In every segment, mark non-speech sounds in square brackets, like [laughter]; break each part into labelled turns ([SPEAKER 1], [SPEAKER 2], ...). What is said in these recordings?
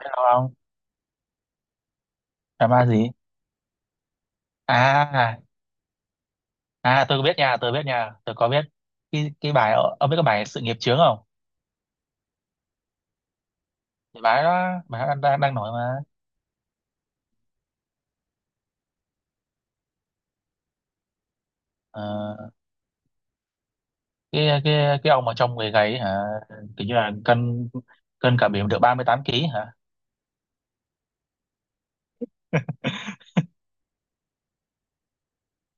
[SPEAKER 1] Sao không drama gì à? À, tôi có biết cái bài. Ông biết cái bài Sự Nghiệp Chướng không? Cái bài đó, bài đó đang đang đang nổi mà. Ờ, cái ông mà trong người gầy ấy hả? Kiểu như là cân cân cả biển được 38 ký hả?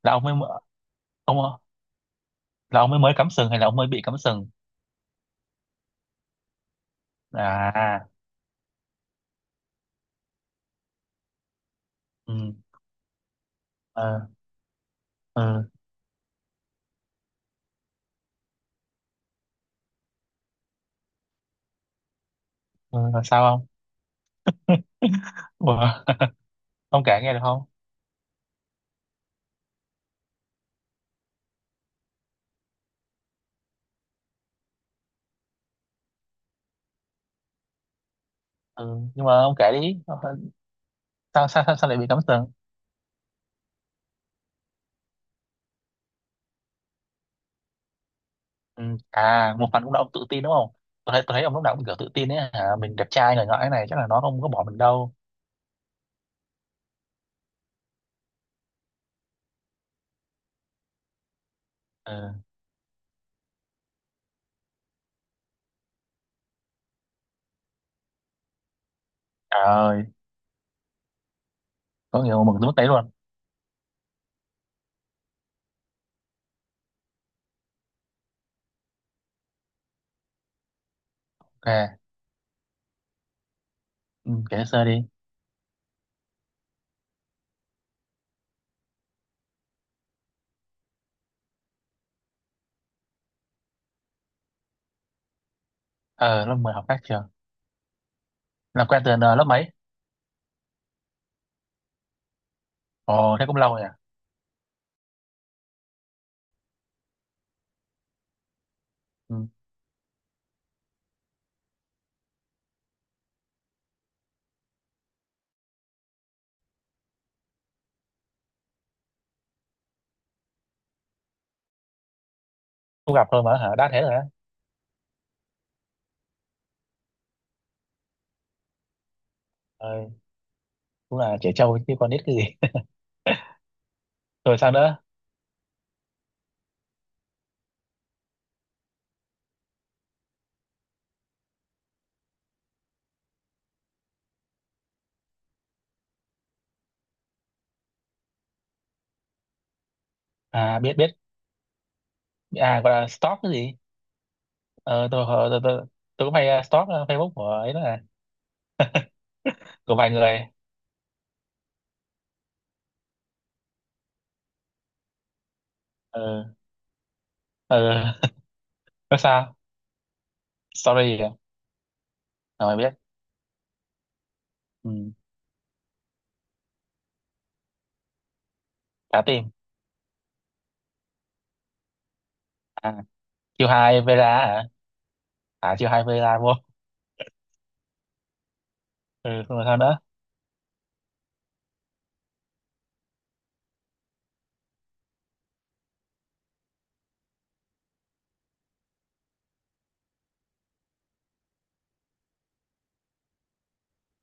[SPEAKER 1] là ông mới ông là ông mới mới cắm sừng hay là ông mới bị cắm sừng? À. Ừ. Ờ. ừ, ừ, là sao không? Ủa, [laughs] ông kể nghe được không? Ừ, nhưng mà ông kể đi. Sao? Sao lại bị cắm sừng? Ừ. À, một phần cũng là ông tự tin đúng không? Tôi thấy ông lúc nào cũng kiểu tự tin ấy hả? Mình đẹp trai này ngõi này, chắc là nó không có bỏ mình đâu. Ừ. Trời ơi, có nhiều mừng tới mức đấy luôn. Ok, ừ, kể sơ đi. Ờ, lớp 10 học khác trường. Làm quen từ lớp mấy? Ồ, thế cũng lâu rồi à? Ừ. Không gặp thôi mà hả? Đã thế rồi á. Ờ, cũng là trẻ trâu chứ còn biết cái gì. [laughs] Rồi sao nữa? À, biết biết. À, gọi là stalk cái gì? Ờ, tôi cũng hay stalk Facebook của ấy đó, là của vài người. Ờ, ờ, [laughs] nó sao? Sorry, à? Rồi biết. Ừ, cả team. À, chiêu hai Vera hả? À, chiêu hai Vera vô. Ừ, xong rồi sao nữa?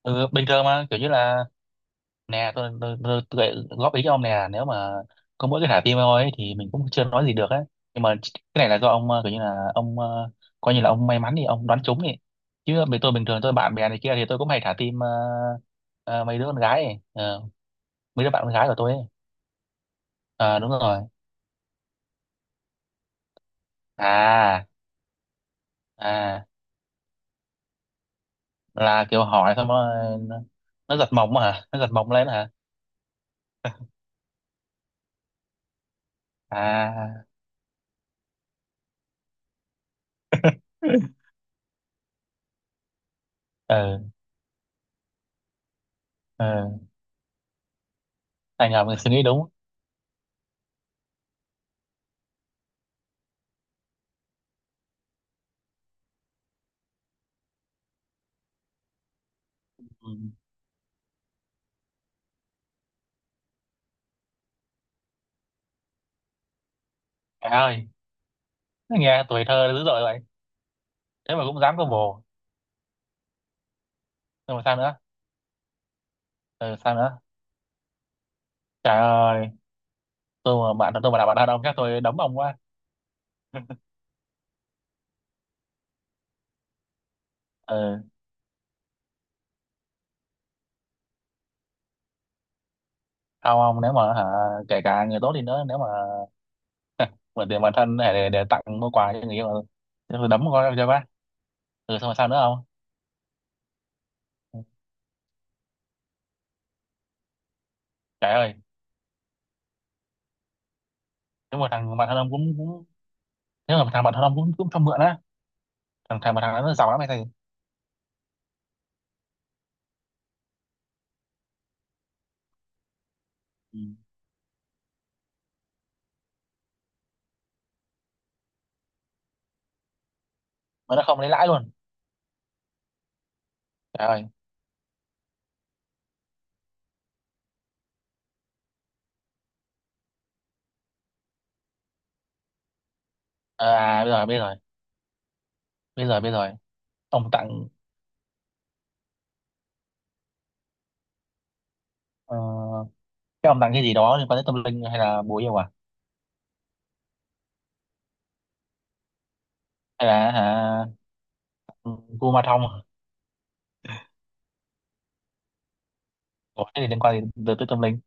[SPEAKER 1] Ừ, bình thường mà kiểu như là, nè tôi góp ý cho ông nè. Nếu mà có mỗi cái thả tim thôi ấy, thì mình cũng chưa nói gì được á. Nhưng mà cái này là do ông, ờ, kiểu như là ông, ờ, coi như là ông may mắn thì ông đoán trúng đi. Chứ bên tôi bình thường, tôi bạn bè này kia thì tôi cũng hay thả tim, mấy đứa con gái ấy. Ờ, mấy đứa bạn con gái của tôi ấy. Ờ, đúng rồi. À. À, là kiểu hỏi xong rồi nó nó giật mộng hả? Nó giật mộng lên hả? À. Ờ. Ờ, anh ngầm suy nghĩ đúng. Ừ. Trời ơi, nó nghe tuổi thơ dữ dội vậy. Thế mà cũng dám có bồ. Nhưng mà sao nữa? Ừ, sao nữa? Trời ơi, tôi mà là bạn thân ông chắc tôi đấm ông quá. Ừ, không ông, nếu mà hả, kể cả người tốt đi nữa, nếu mà mượn tiền bạn thân để, tặng mua quà cho người yêu, ừ, thế tôi đấm con cho bác. Ừ, xong rồi sao nữa không? Ừ. Trời ơi. nếu mà thằng bạn thân ông cũng cũng Nếu mà thằng bạn thân ông cũng cũng cho mượn á. Thằng thằng mà Thằng đó nó giàu lắm hay sao? Ừ. Mà nó không lấy lãi luôn? Trời ơi. Ờ, à bây giờ biết rồi. Bây giờ ông tặng. Ờ, cái ông tặng cái gì đó liên quan tới tâm linh hay là bùa yêu à? Hay là hả gu ma thông? Ủa, cái gì liên quan gì tới, tới tâm linh?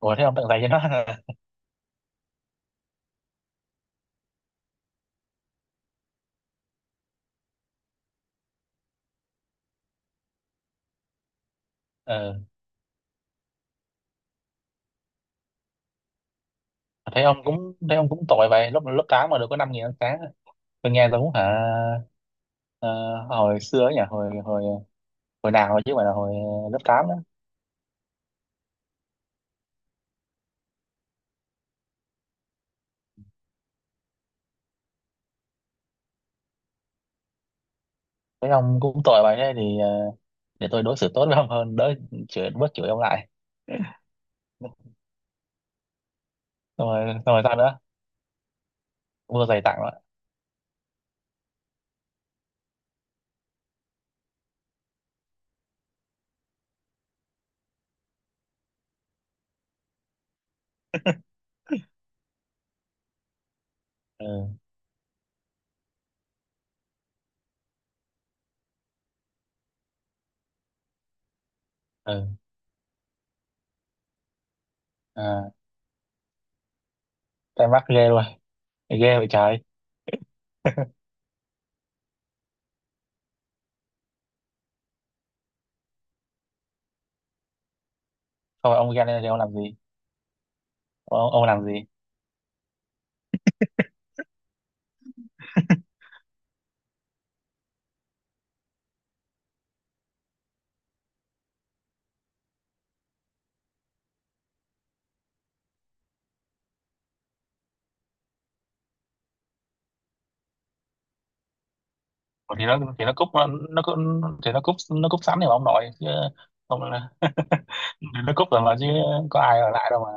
[SPEAKER 1] Ủa, thế ông tặng giày cho nó [laughs] hả? Ờ, thấy ông cũng tội vậy. Lớp lớp tám mà được có 5 nghìn ăn sáng. Tôi nghe giống hả. Ờ, hồi xưa ấy nhỉ, hồi hồi hồi nào rồi chứ không phải là hồi lớp 8 đó. Thấy ông cũng tội vậy, thế thì ờ, để tôi đối xử tốt với ông hơn, đỡ chửi, bớt chửi ông lại. Xong rồi, xong rồi sao nữa? Mua giày tặng rồi. Ừ. Ừ. À, tay mắc ghê luôn, ghê vậy trời. Không ông, ra đây thì ông làm gì? Ông làm gì? Ủa thì nó, thì nó cúp- thì nó cúp, nó cúp sẵn thì mà ông nội chứ ông. [laughs] Nó cúp rồi mà chứ, có ai ở lại đâu mà.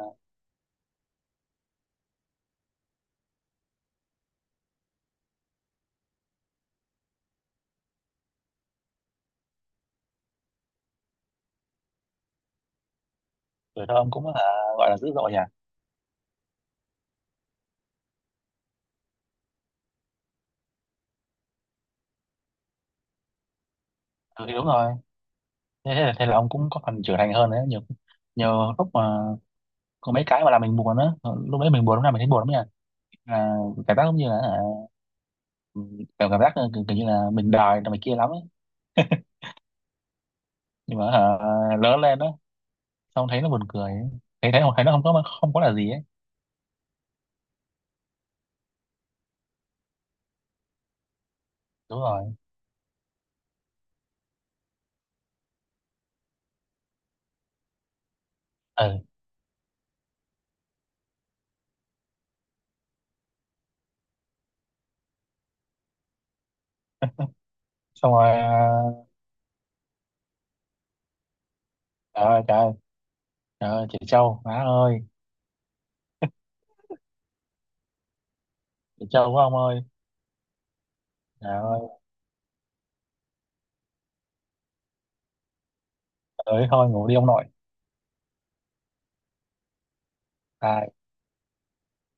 [SPEAKER 1] Tuổi thơ ông cũng là gọi là dữ dội nhỉ. Ừ, thì đúng rồi. Thế là ông cũng có phần trưởng thành hơn đấy nhiều. Nhiều lúc mà có mấy cái mà làm mình buồn á, lúc đấy mình buồn, lúc nào mình thấy buồn lắm nha. À, cảm giác giống như là à, cảm cảm giác là kiểu, kiểu như là mình đòi là mày kia lắm ấy. Nhưng mà à, lớn lên đó xong thấy nó buồn cười ấy. Thấy thấy thấy nó không có, không có là gì ấy. Đúng rồi. Ừ, xong rồi à. Trời ơi, trời ơi, trời ơi chị Châu má ơi. Chị Châu của ông ơi. Trời ơi. Ơi thôi ngủ đi ông nội. À.